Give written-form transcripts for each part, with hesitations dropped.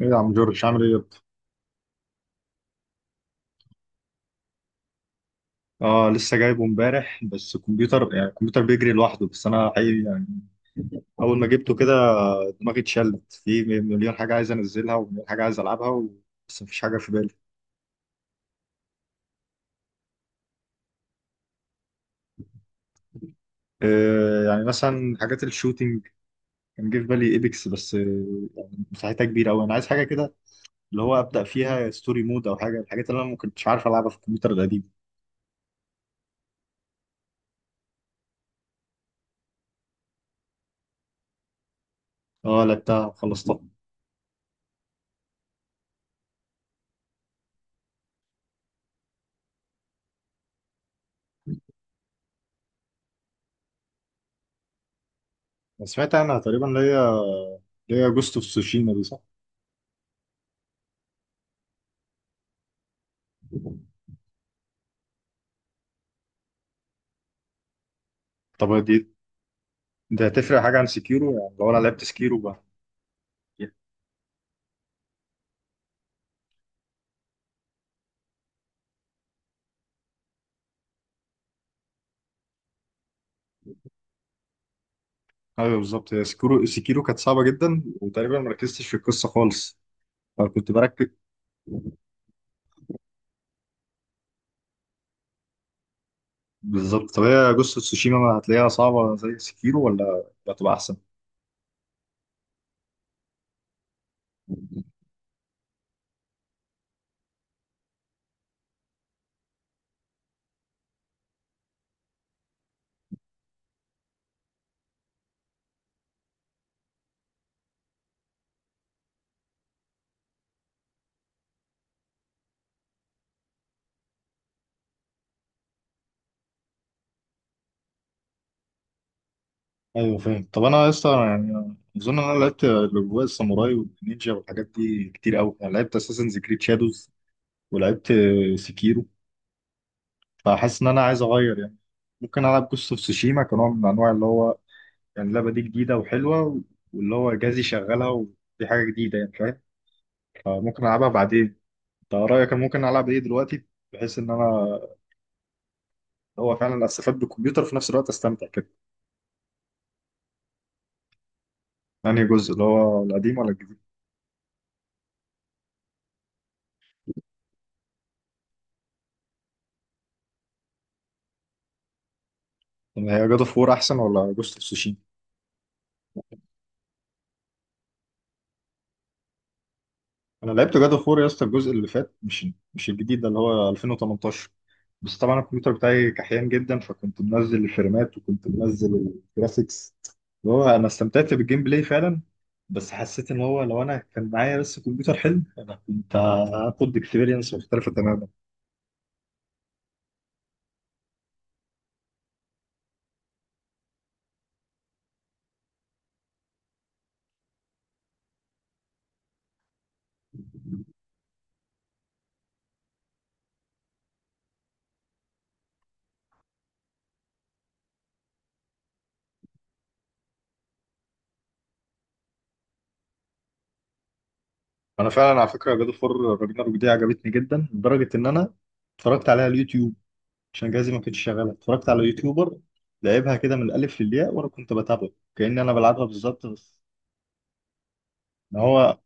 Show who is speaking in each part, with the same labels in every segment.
Speaker 1: ايه يا عم جورج عامل ايه يا اسطى؟ اه لسه جايبه امبارح، بس الكمبيوتر يعني الكمبيوتر بيجري لوحده، بس انا حقيقي يعني اول ما جبته كده دماغي اتشلت في مليون حاجه عايز انزلها ومليون حاجه عايز العبها و... بس مفيش حاجه في بالي. يعني مثلا حاجات الشوتينج، كان جه في بالي ايبكس بس يعني مساحتها كبيره قوي. انا عايز حاجه كده اللي هو ابدا فيها ستوري مود او حاجه، الحاجات اللي انا ما كنتش عارف العبها في الكمبيوتر القديم. اه لعبتها وخلصتها. أنا سمعت عنها تقريبا اللي هي اللي هي جوست اوف سوشيما دي، صح؟ طب دي، ده هتفرق حاجه عن سكيرو يعني لو انا لعبت سكيرو بقى؟ ايوه بالظبط، هي سكيرو سكيرو كانت صعبه جدا وتقريبا ما ركزتش في القصه خالص، فكنت بركز. بالظبط، طب هي جوست اوف تسوشيما ما هتلاقيها صعبه زي سكيرو ولا هتبقى احسن؟ ايوه فاهم. طب انا لسه يعني اظن ان انا لعبت الاجواء الساموراي والنينجا والحاجات دي كتير قوي، يعني لعبت اساسنز كريد شادوز ولعبت سكيرو، فحاسس ان انا عايز اغير يعني. ممكن العب جوست اوف تسوشيما كنوع من انواع اللي هو يعني اللعبة دي جديدة وحلوة، واللي هو جهازي شغالها، ودي حاجة جديدة يعني، فاهم؟ فممكن ألعبها بعدين. أنت رأيك أنا ممكن ألعب إيه دلوقتي، بحيث إن أنا اللي هو فعلا أستفاد بالكمبيوتر وفي نفس الوقت أستمتع كده؟ أنهي جزء، اللي هو القديم ولا الجديد؟ يعني هي جاد أوف وور أحسن ولا جوست أوف سوشيما؟ أنا لعبت جاد أوف وور يا اسطى الجزء اللي فات، مش الجديد ده اللي هو 2018، بس طبعا الكمبيوتر بتاعي كحيان جدا فكنت منزل الفريمات وكنت منزل الجرافيكس. اللي هو انا استمتعت بالجيم بلاي فعلا، بس حسيت ان هو لو انا كان معايا بس كمبيوتر حلو انا كنت هاخد اكسبيرينس مختلفه تماما. انا فعلا على فكره جاد فور راجناروك دي عجبتني جدا لدرجه ان انا اتفرجت عليها على اليوتيوب. عشان جهازي ما كانش شغال، اتفرجت على يوتيوبر لعبها كده من الالف للياء وانا كنت بتابعه كاني انا بلعبها بالظبط. بس ان هو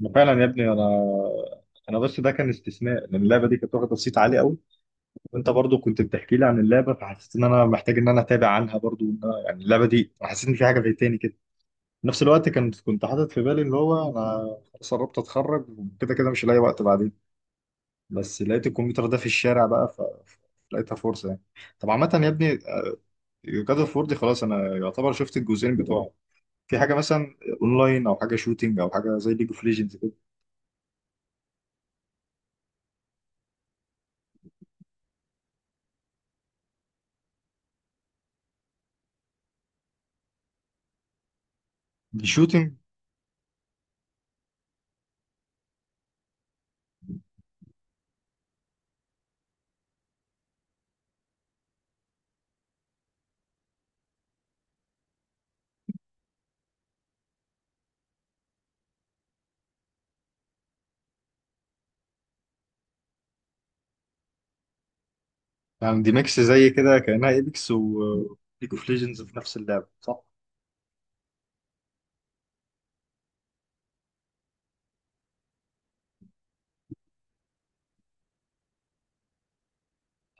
Speaker 1: ما فعلا يا ابني، انا انا بس ده كان استثناء لان اللعبه دي كانت واخده صيت عالي قوي، وانت برضو كنت بتحكي لي عن اللعبه، فحسيت ان انا محتاج ان انا اتابع عنها برضو. يعني اللعبه دي حسيت ان في حاجه فايتاني كده. في نفس الوقت كنت حاطط في بالي اللي هو انا خلاص قربت اتخرج وكده كده مش لاقي وقت بعدين، بس لقيت الكمبيوتر ده في الشارع بقى ف- لقيتها فرصه يعني. طب عامه يا ابني، جاد اوف وور دي خلاص انا يعتبر شفت الجزئين بتوعه. في حاجه مثلا اونلاين او حاجه شوتينج او حاجه زي ليج اوف ليجندز كده؟ يعني دي ميكس زي كده كأنها ايبكس وليج اوف ليجندز في نفس اللعبة، صح؟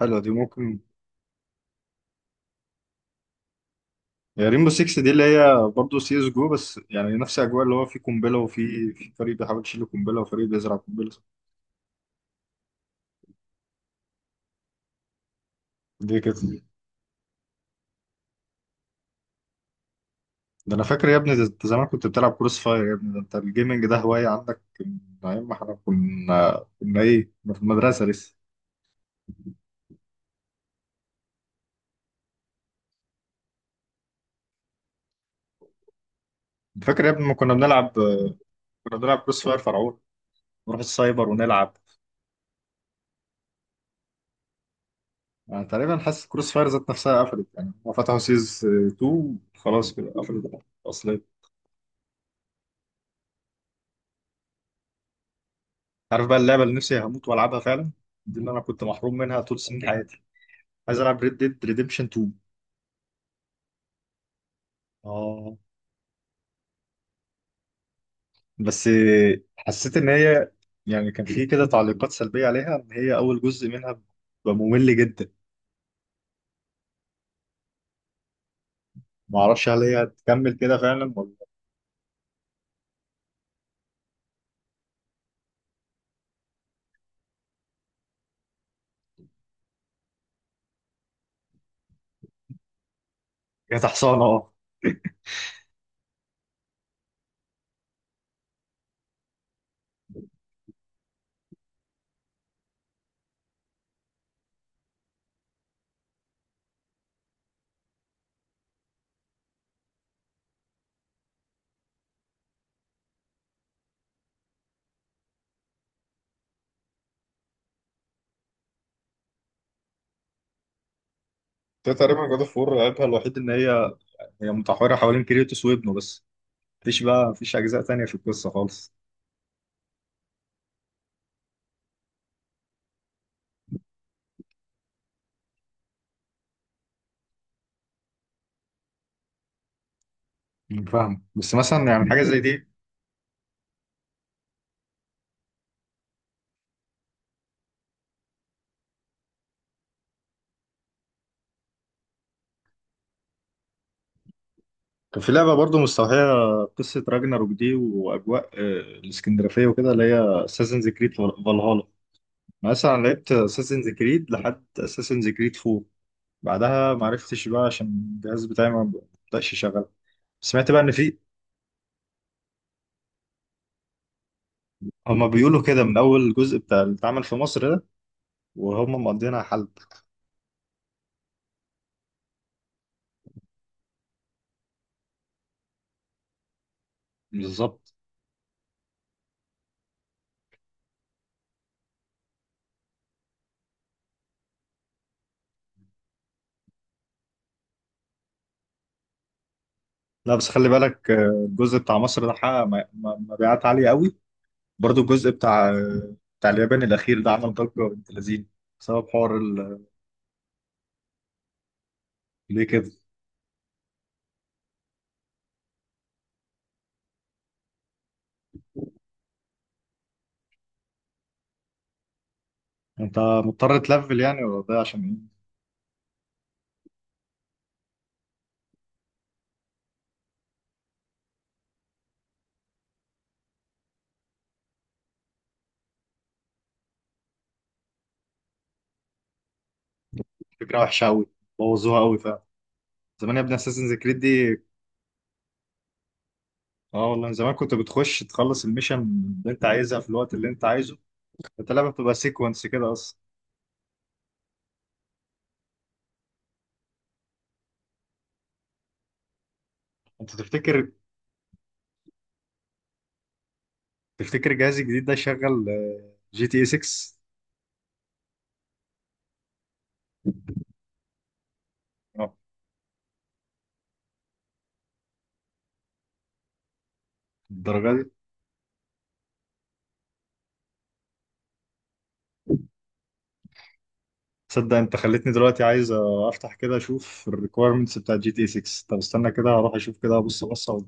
Speaker 1: حلوة دي ممكن. يا ريمبو 6 دي اللي هي برضه سي اس جو بس يعني نفس اجواء اللي هو في قنبلة وفي فريق بيحاول يشيل قنبلة وفريق بيزرع قنبلة. دي كده. ده انا فاكر يا ابني، ده انت زمان كنت بتلعب كروس فاير يا ابني، ده انت الجيمنج ده هواية عندك من ايام ما احنا كنا ايه كنا في المدرسة لسه. فاكر يا ابني ما كنا بنلعب، كنا بنلعب كروس فاير فرعون، نروح السايبر ونلعب. انا تقريبا حاسس كروس فاير ذات نفسها قفلت، يعني هم فتحوا سيز 2 خلاص كده قفلت اصلا. عارف بقى اللعبه اللي نفسي هموت والعبها فعلا؟ دي اللي انا كنت محروم منها طول سنين حياتي. عايز العب ريد ديد ريديمشن 2. اه بس حسيت ان هي يعني كان في كده تعليقات سلبيه عليها ان هي اول جزء منها بيبقى ممل جدا. ما اعرفش هل هي هتكمل كده فعلا ولا. هي تحصانه اه. ده تقريبا جاد اوف وور عيبها الوحيد ان هي هي متحوره حوالين كريتوس وابنه بس، مفيش بقى مفيش اجزاء تانية في القصه خالص. فاهم، بس مثلا يعني حاجه زي دي كان في لعبه برضو مستوحيه قصه راجناروك دي واجواء الاسكندرافيه وكده اللي هي اساسنز كريد فالهالا. مثلا لعبت اساسنز كريد لحد اساسنز كريد 4، بعدها ما عرفتش بقى عشان الجهاز بتاعي ما بدأش يشتغل. سمعت بقى ان في، هما بيقولوا كده من اول جزء بتاع اللي اتعمل في مصر ده وهما مقضينها حلب. بالظبط. لا بس خلي بالك الجزء بتاع مصر ده حقق مبيعات عاليه قوي. برضو الجزء بتاع بتاع اليابان الأخير ده عمل ضجة بنت لذينه بسبب حوار ال... ليه كده؟ أنت مضطر تلفل يعني ولا ده عشان إيه؟ فكرة وحشة أوي، بوظوها أوي فعلا. زمان يا ابني أساسنز كريد دي، اه والله من زمان كنت بتخش تخلص الميشن اللي انت عايزها في الوقت اللي انت عايزه. انت اللعبه بتبقى سيكونس كده اصلا. انت تفتكر، تفتكر جهاز الجديد ده يشغل جي تي اي 6؟ الدرجه دي؟ تصدق انت خلتني دلوقتي عايز افتح كده اشوف الريكويرمنتس بتاعت جي تي 6؟ طب استنى كده هروح اشوف كده، ابص بصه.